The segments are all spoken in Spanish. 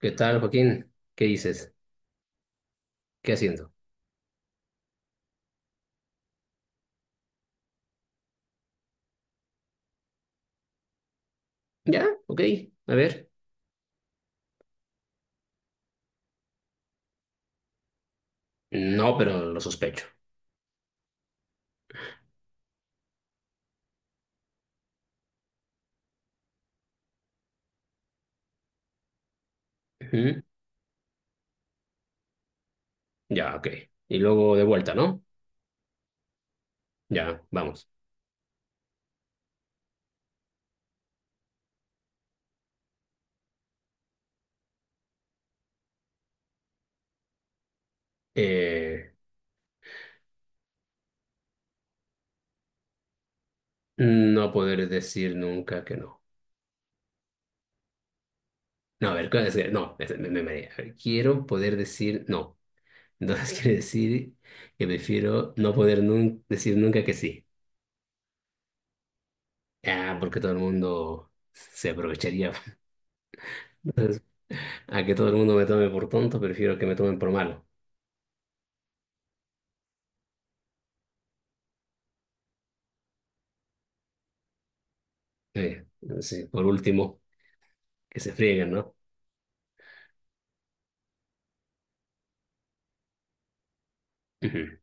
¿Qué tal, Joaquín? ¿Qué dices? ¿Qué haciendo? Ya, ok. A ver. No, pero lo sospecho. Ujú. Ya, ok. Y luego de vuelta, ¿no? Ya, vamos. Eh, no poder decir nunca que no. No, a ver, ¿cuál es? No, mareé. A ver, quiero poder decir no. Entonces quiere decir que prefiero decir nunca que sí. Ah, porque todo el mundo se aprovecharía. Entonces, a que todo el mundo me tome por tonto, prefiero que me tomen por malo. Eh, sí, por último, que se frieguen, ¿no? Ujú.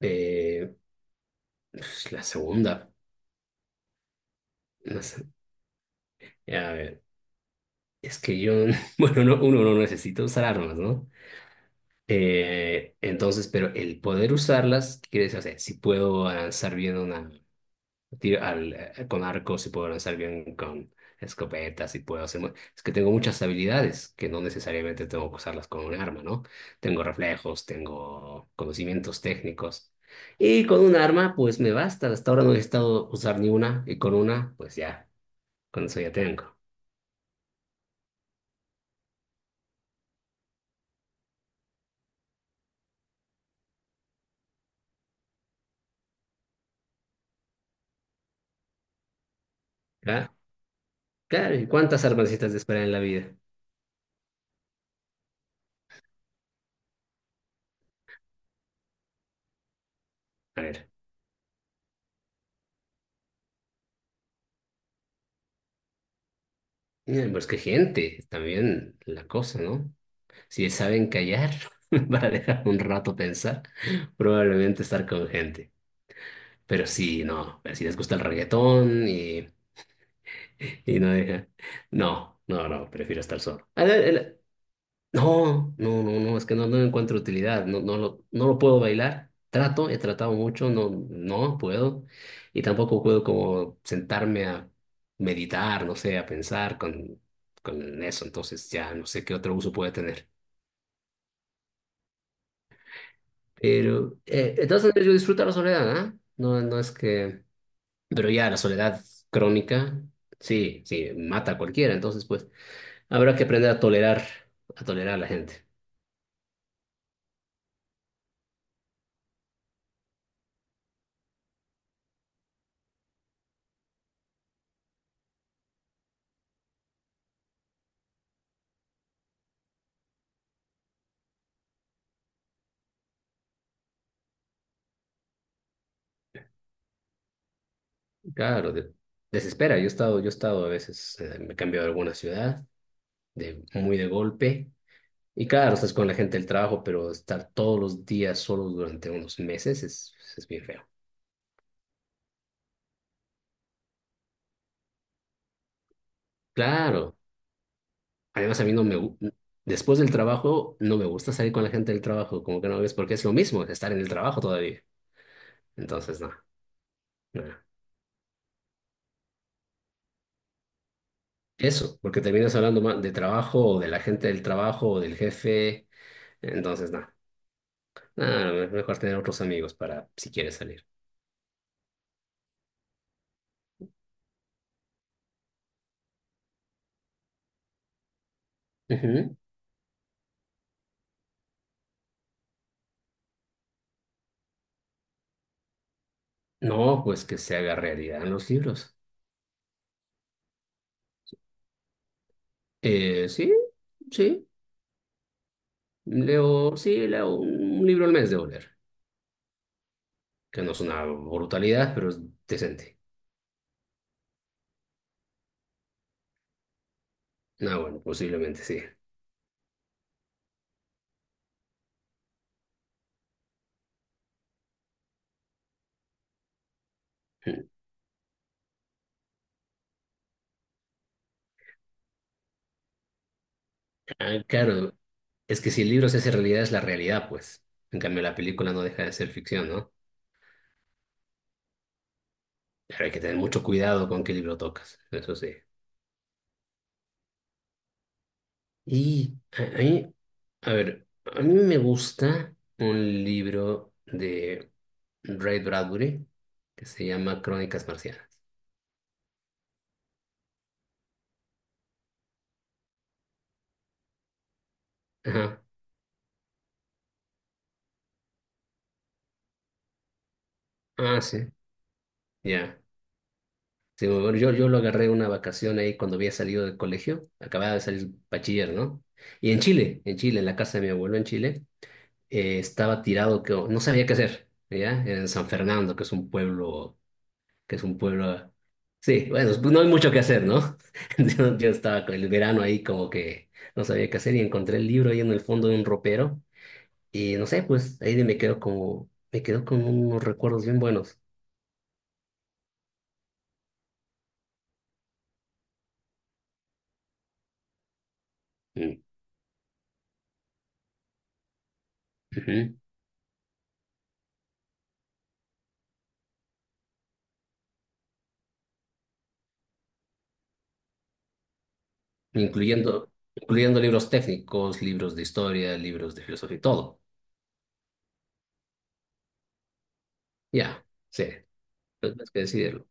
Eh, pues, la segunda, no sé. A ver, es que yo, bueno, no, uno no necesita usar armas, ¿no? Entonces, pero el poder usarlas, ¿qué quiere decir? O sea, si puedo avanzar bien una, con arcos y puedo lanzar bien con escopetas y puedo hacer... Es que tengo muchas habilidades que no necesariamente tengo que usarlas con un arma, ¿no? Tengo reflejos, tengo conocimientos técnicos. Y con un arma, pues me basta. Hasta ahora no he estado usar ni una y con una, pues ya, con eso ya tengo. ¿Ah? Claro, ¿y cuántas armas necesitas de esperar en la vida? A ver, pues qué gente, también la cosa, ¿no? Si saben callar para dejar un rato pensar, probablemente estar con gente. Pero si no, si les gusta el reggaetón y no deja. No, no, no, prefiero estar solo. No, no, no, no, es que no, no encuentro utilidad, no, no lo puedo bailar. Trato, he tratado mucho, no, no puedo. Y tampoco puedo como sentarme a meditar, no sé, a pensar con eso. Entonces ya no sé qué otro uso puede tener. Pero, de todas maneras, yo disfruto la soledad, ¿ah? No, no es que... Pero ya, la soledad crónica, sí, sí, mata a cualquiera. Entonces, pues, habrá que aprender a tolerar, a tolerar a la gente. Claro, desespera. Yo he estado a veces, me he cambiado a alguna ciudad, de, muy de golpe. Y claro, estás con la gente del trabajo, pero estar todos los días solos durante unos meses es bien feo. Claro. Además, a mí no me... Después del trabajo, no me gusta salir con la gente del trabajo, como que no ves, porque es lo mismo, estar en el trabajo todavía. Entonces, no. Eso, porque terminas hablando más de trabajo o de la gente del trabajo o del jefe. Entonces, no. No, mejor tener otros amigos para si quieres salir. Ujú. No, pues que se haga realidad en los libros. Sí, sí. Leo, sí, leo un libro al mes de leer, que no es una brutalidad, pero es decente. Ah, bueno, posiblemente sí. Ah, claro, es que si el libro se hace realidad es la realidad, pues. En cambio, la película no deja de ser ficción, ¿no? Pero hay que tener mucho cuidado con qué libro tocas, eso sí. Y a ver, a mí me gusta un libro de Ray Bradbury que se llama Crónicas Marcianas. Ajá. Ah, sí. Ya. Sí, muy bueno, yo lo agarré una vacación ahí cuando había salido del colegio, acababa de salir bachiller, ¿no? Y en Chile, en la casa de mi abuelo en Chile. Estaba tirado que no sabía qué hacer, ¿ya? En San Fernando, que es un pueblo, sí, bueno, pues no hay mucho que hacer, ¿no? Yo estaba con el verano ahí como que no sabía qué hacer y encontré el libro ahí en el fondo de un ropero y no sé, pues ahí me quedo con unos recuerdos bien buenos. Mm, ujú. Incluyendo libros técnicos, libros de historia, libros de filosofía y todo, ya, sí, pues, tienes que decidirlo.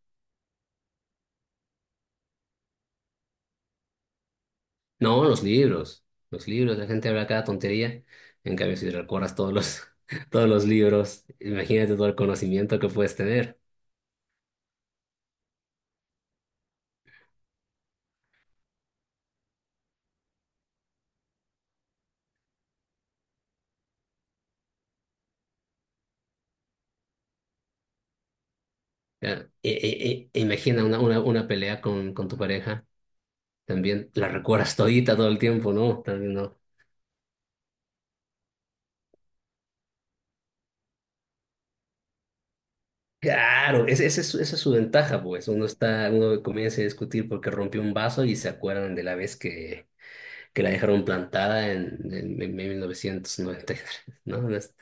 No, los libros. Los libros, la gente habla cada tontería. En cambio, si recuerdas todos los libros, imagínate todo el conocimiento que puedes tener. Ya, imagina una pelea con tu pareja. También la recuerdas todita todo el tiempo, ¿no? También no. Claro, esa es su ventaja, pues. Uno está, uno comienza a discutir porque rompió un vaso y se acuerdan de la vez que la dejaron plantada en 1993, ¿no?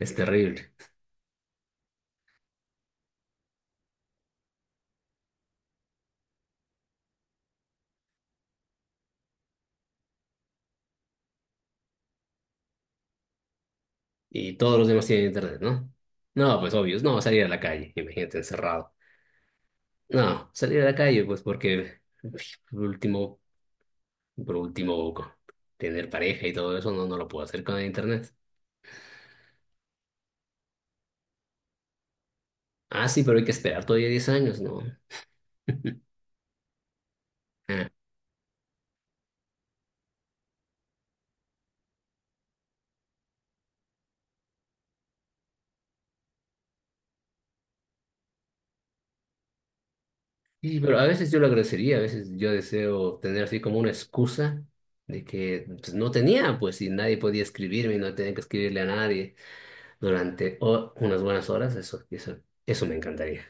Es terrible. Y todos los demás tienen internet, ¿no? No, pues obvio, no, salir a la calle, imagínate encerrado. No, salir a la calle, pues porque por último, por último, co- tener pareja y todo eso, no, no lo puedo hacer con el internet. Ah, sí, pero hay que esperar todavía 10 años, ¿no? Ah. Sí, pero a veces yo lo agradecería, a veces yo deseo tener así como una excusa de que pues, no tenía, pues si nadie podía escribirme y no tenía que escribirle a nadie durante unas buenas horas, eso me encantaría.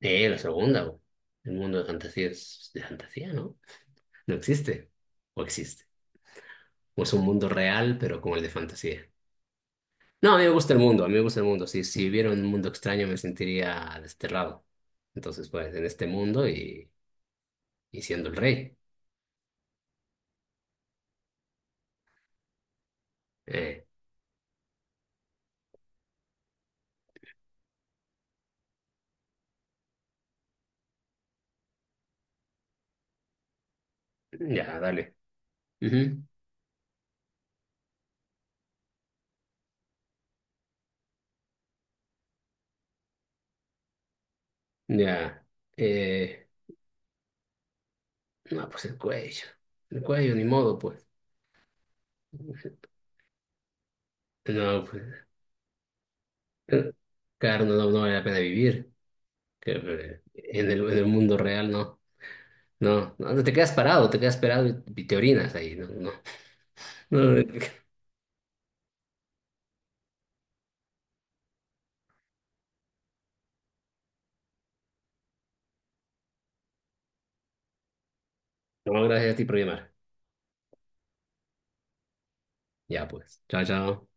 La segunda, güey. El mundo de fantasía es de fantasía, ¿no? No existe. O existe. O es un mundo real, pero como el de fantasía. No, a mí me gusta el mundo. Si viviera un mundo extraño me sentiría desterrado. Entonces, pues, en este mundo y siendo el rey. Eh, ya, dale. Ujú. Ya. Eh, no, pues el cuello. El cuello, ni modo, pues. No, pues. eh, Claro, no, no vale la pena vivir. Que, en en el mundo real, no. No te quedas parado, te quedas parado y te orinas ahí. No, no, no, gracias a ti por llamar. Ya pues, chao, chao.